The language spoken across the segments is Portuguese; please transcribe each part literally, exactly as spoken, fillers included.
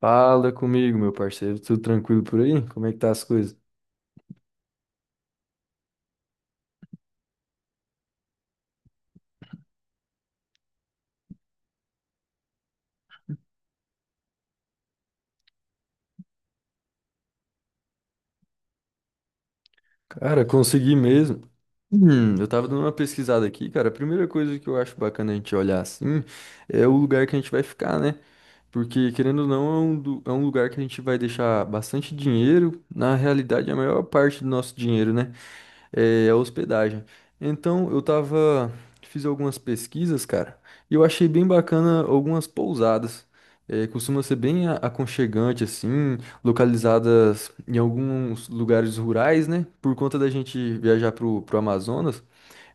Fala comigo, meu parceiro. Tudo tranquilo por aí? Como é que tá as coisas? Cara, consegui mesmo. Hum, eu tava dando uma pesquisada aqui, cara. A primeira coisa que eu acho bacana a gente olhar assim é o lugar que a gente vai ficar, né? Porque, querendo ou não, é um, du- é um lugar que a gente vai deixar bastante dinheiro. Na realidade, é a maior parte do nosso dinheiro, né? É, a hospedagem. Então, eu tava, fiz algumas pesquisas, cara, e eu achei bem bacana algumas pousadas. É, costuma ser bem a- aconchegante, assim, localizadas em alguns lugares rurais, né? Por conta da gente viajar pro, pro Amazonas,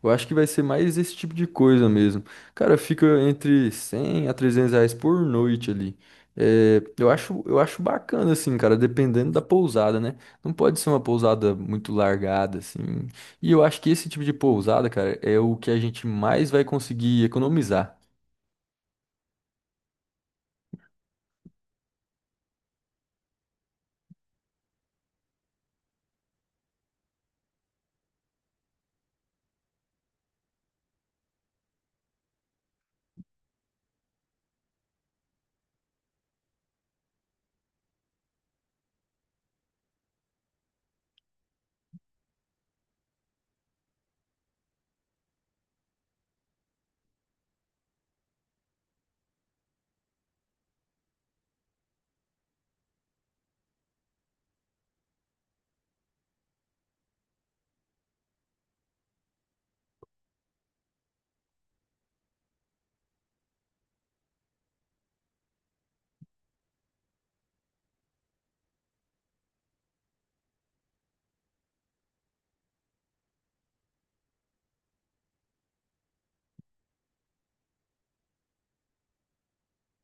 eu acho que vai ser mais esse tipo de coisa mesmo. Cara, fica entre cem a trezentos reais por noite ali. É, eu acho, eu acho bacana, assim, cara, dependendo da pousada, né? Não pode ser uma pousada muito largada, assim. E eu acho que esse tipo de pousada, cara, é o que a gente mais vai conseguir economizar.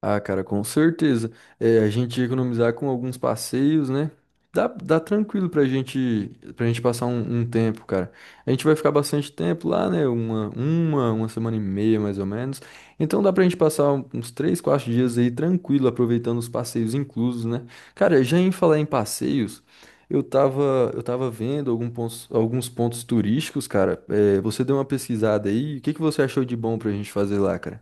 Ah, cara, com certeza. É, a gente ia economizar com alguns passeios, né? Dá, dá tranquilo pra gente, pra gente passar um, um tempo, cara. A gente vai ficar bastante tempo lá, né? Uma, uma, uma semana e meia, mais ou menos. Então dá pra gente passar um- uns três, quatro dias aí tranquilo, aproveitando os passeios inclusos, né? Cara, já em falar em passeios, eu tava, eu tava vendo algum pontos, alguns pontos turísticos, cara. É, você deu uma pesquisada aí. O que que você achou de bom pra gente fazer lá, cara?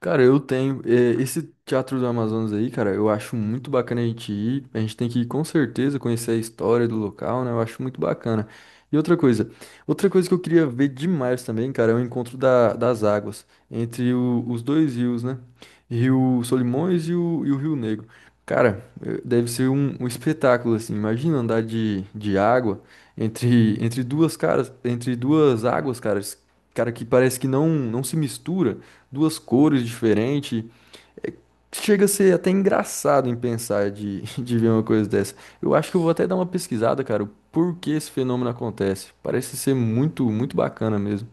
Cara, eu tenho. É, esse Teatro do Amazonas aí, cara, eu acho muito bacana a gente ir. A gente tem que ir com certeza conhecer a história do local, né? Eu acho muito bacana. E outra coisa, outra coisa que eu queria ver demais também, cara, é o encontro da- das águas entre o- os dois rios, né? Rio Solimões e o, e o Rio Negro. Cara, eh, deve ser um, um espetáculo, assim. Imagina andar de, de água entre, entre duas caras, entre duas águas, cara, cara, que parece que não, não se mistura duas cores diferentes. Chega a ser até engraçado em pensar de, de ver uma coisa dessa. Eu acho que eu vou até dar uma pesquisada, cara, por que esse fenômeno acontece. Parece ser muito, muito bacana mesmo.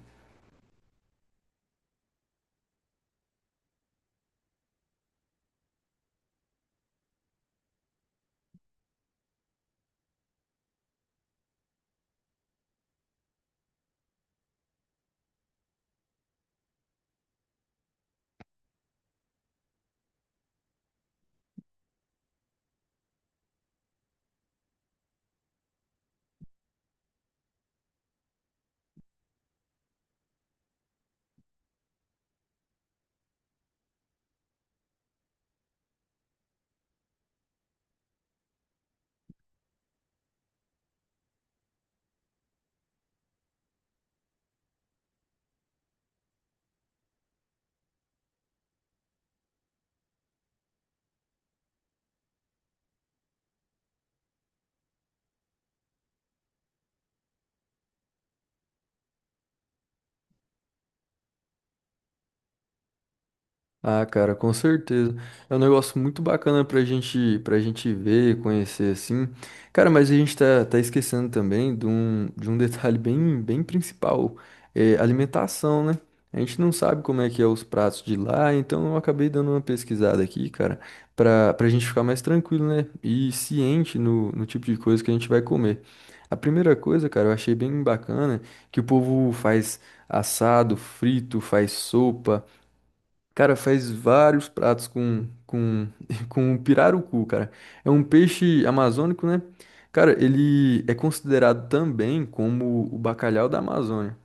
Ah, cara, com certeza. É um negócio muito bacana pra gente, pra gente ver, conhecer assim. Cara, mas a gente tá, tá esquecendo também de um, de um detalhe bem, bem principal, é alimentação, né? A gente não sabe como é que é os pratos de lá, então eu acabei dando uma pesquisada aqui, cara, pra, pra gente ficar mais tranquilo, né? E ciente no, no tipo de coisa que a gente vai comer. A primeira coisa, cara, eu achei bem bacana que o povo faz assado, frito, faz sopa. Cara, faz vários pratos com, com, com pirarucu, cara. É um peixe amazônico, né? Cara, ele é considerado também como o bacalhau da Amazônia.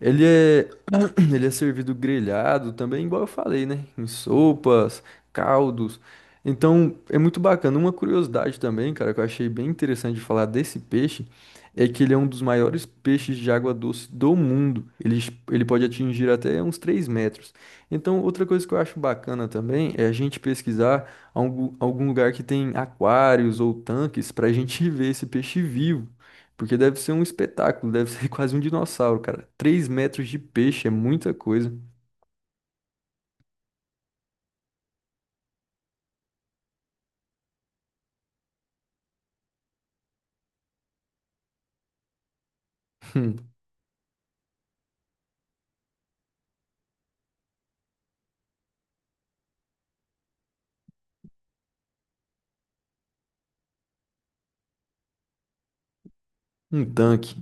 Ele é Ele é servido grelhado também, igual eu falei, né? Em sopas, caldos. Então, é muito bacana. Uma curiosidade também, cara, que eu achei bem interessante de falar desse peixe, é que ele é um dos maiores peixes de água doce do mundo. Ele, ele pode atingir até uns três metros. Então, outra coisa que eu acho bacana também é a gente pesquisar algum, algum lugar que tem aquários ou tanques para a gente ver esse peixe vivo. Porque deve ser um espetáculo, deve ser quase um dinossauro, cara. Três metros de peixe é muita coisa. Um tanque.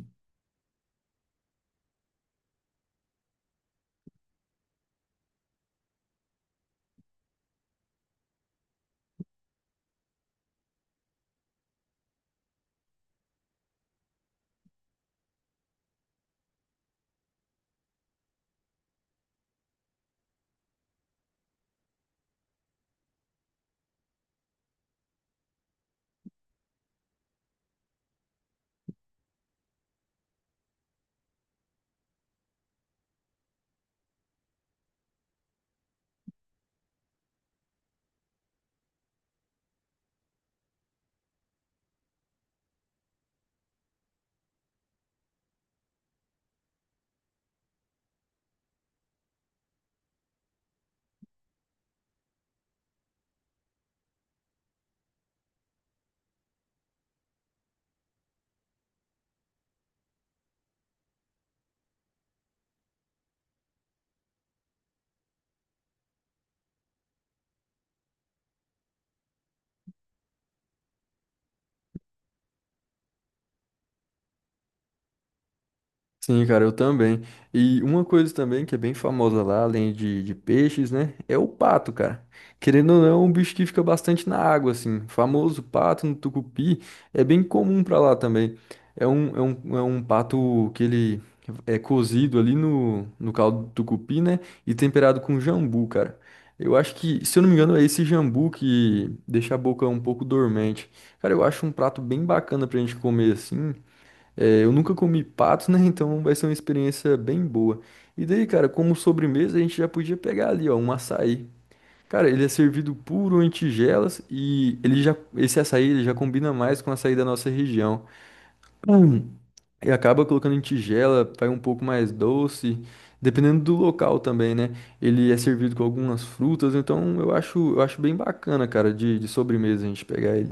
Sim, cara, eu também. E uma coisa também que é bem famosa lá, além de, de peixes, né? É o pato, cara. Querendo ou não, é um bicho que fica bastante na água, assim. O famoso pato no Tucupi é bem comum pra lá também. É um, é um, é um pato que ele é cozido ali no, no caldo do Tucupi, né? E temperado com jambu, cara. Eu acho que, se eu não me engano, é esse jambu que deixa a boca um pouco dormente. Cara, eu acho um prato bem bacana pra gente comer assim. É, eu nunca comi pato, né? Então vai ser uma experiência bem boa. E daí, cara, como sobremesa, a gente já podia pegar ali, ó, um açaí. Cara, ele é servido puro em tigelas e ele já, esse açaí ele já combina mais com o açaí da nossa região. Hum. E acaba colocando em tigela, vai um pouco mais doce, dependendo do local também, né? Ele é servido com algumas frutas, então eu acho, eu acho bem bacana, cara, de, de sobremesa a gente pegar ele.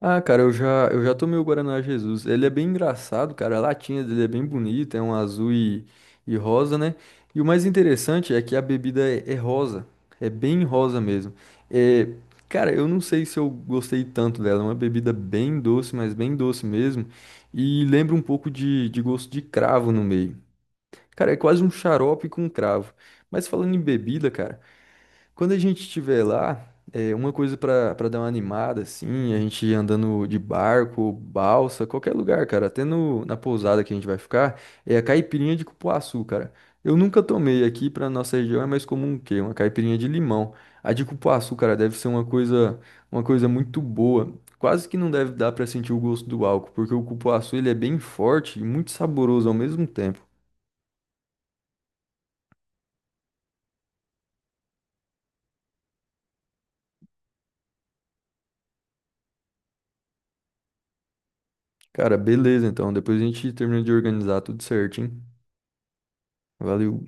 Ah, cara, eu já, eu já tomei o Guaraná Jesus. Ele é bem engraçado, cara. A latinha dele é bem bonita, é um azul e, e rosa, né? E o mais interessante é que a bebida é, é rosa. É bem rosa mesmo. É, cara, eu não sei se eu gostei tanto dela. É uma bebida bem doce, mas bem doce mesmo. E lembra um pouco de, de gosto de cravo no meio. Cara, é quase um xarope com cravo. Mas falando em bebida, cara. Quando a gente estiver lá, é, uma coisa pra para dar uma animada, assim, a gente andando de barco, balsa, qualquer lugar, cara, até no, na pousada que a gente vai ficar, é a caipirinha de cupuaçu, cara. Eu nunca tomei aqui pra nossa região, é mais comum o quê? Uma caipirinha de limão. A de cupuaçu, cara, deve ser uma coisa, uma coisa muito boa. Quase que não deve dar pra sentir o gosto do álcool, porque o cupuaçu ele é bem forte e muito saboroso ao mesmo tempo. Cara, beleza, então. Depois a gente termina de organizar tudo certinho. Valeu.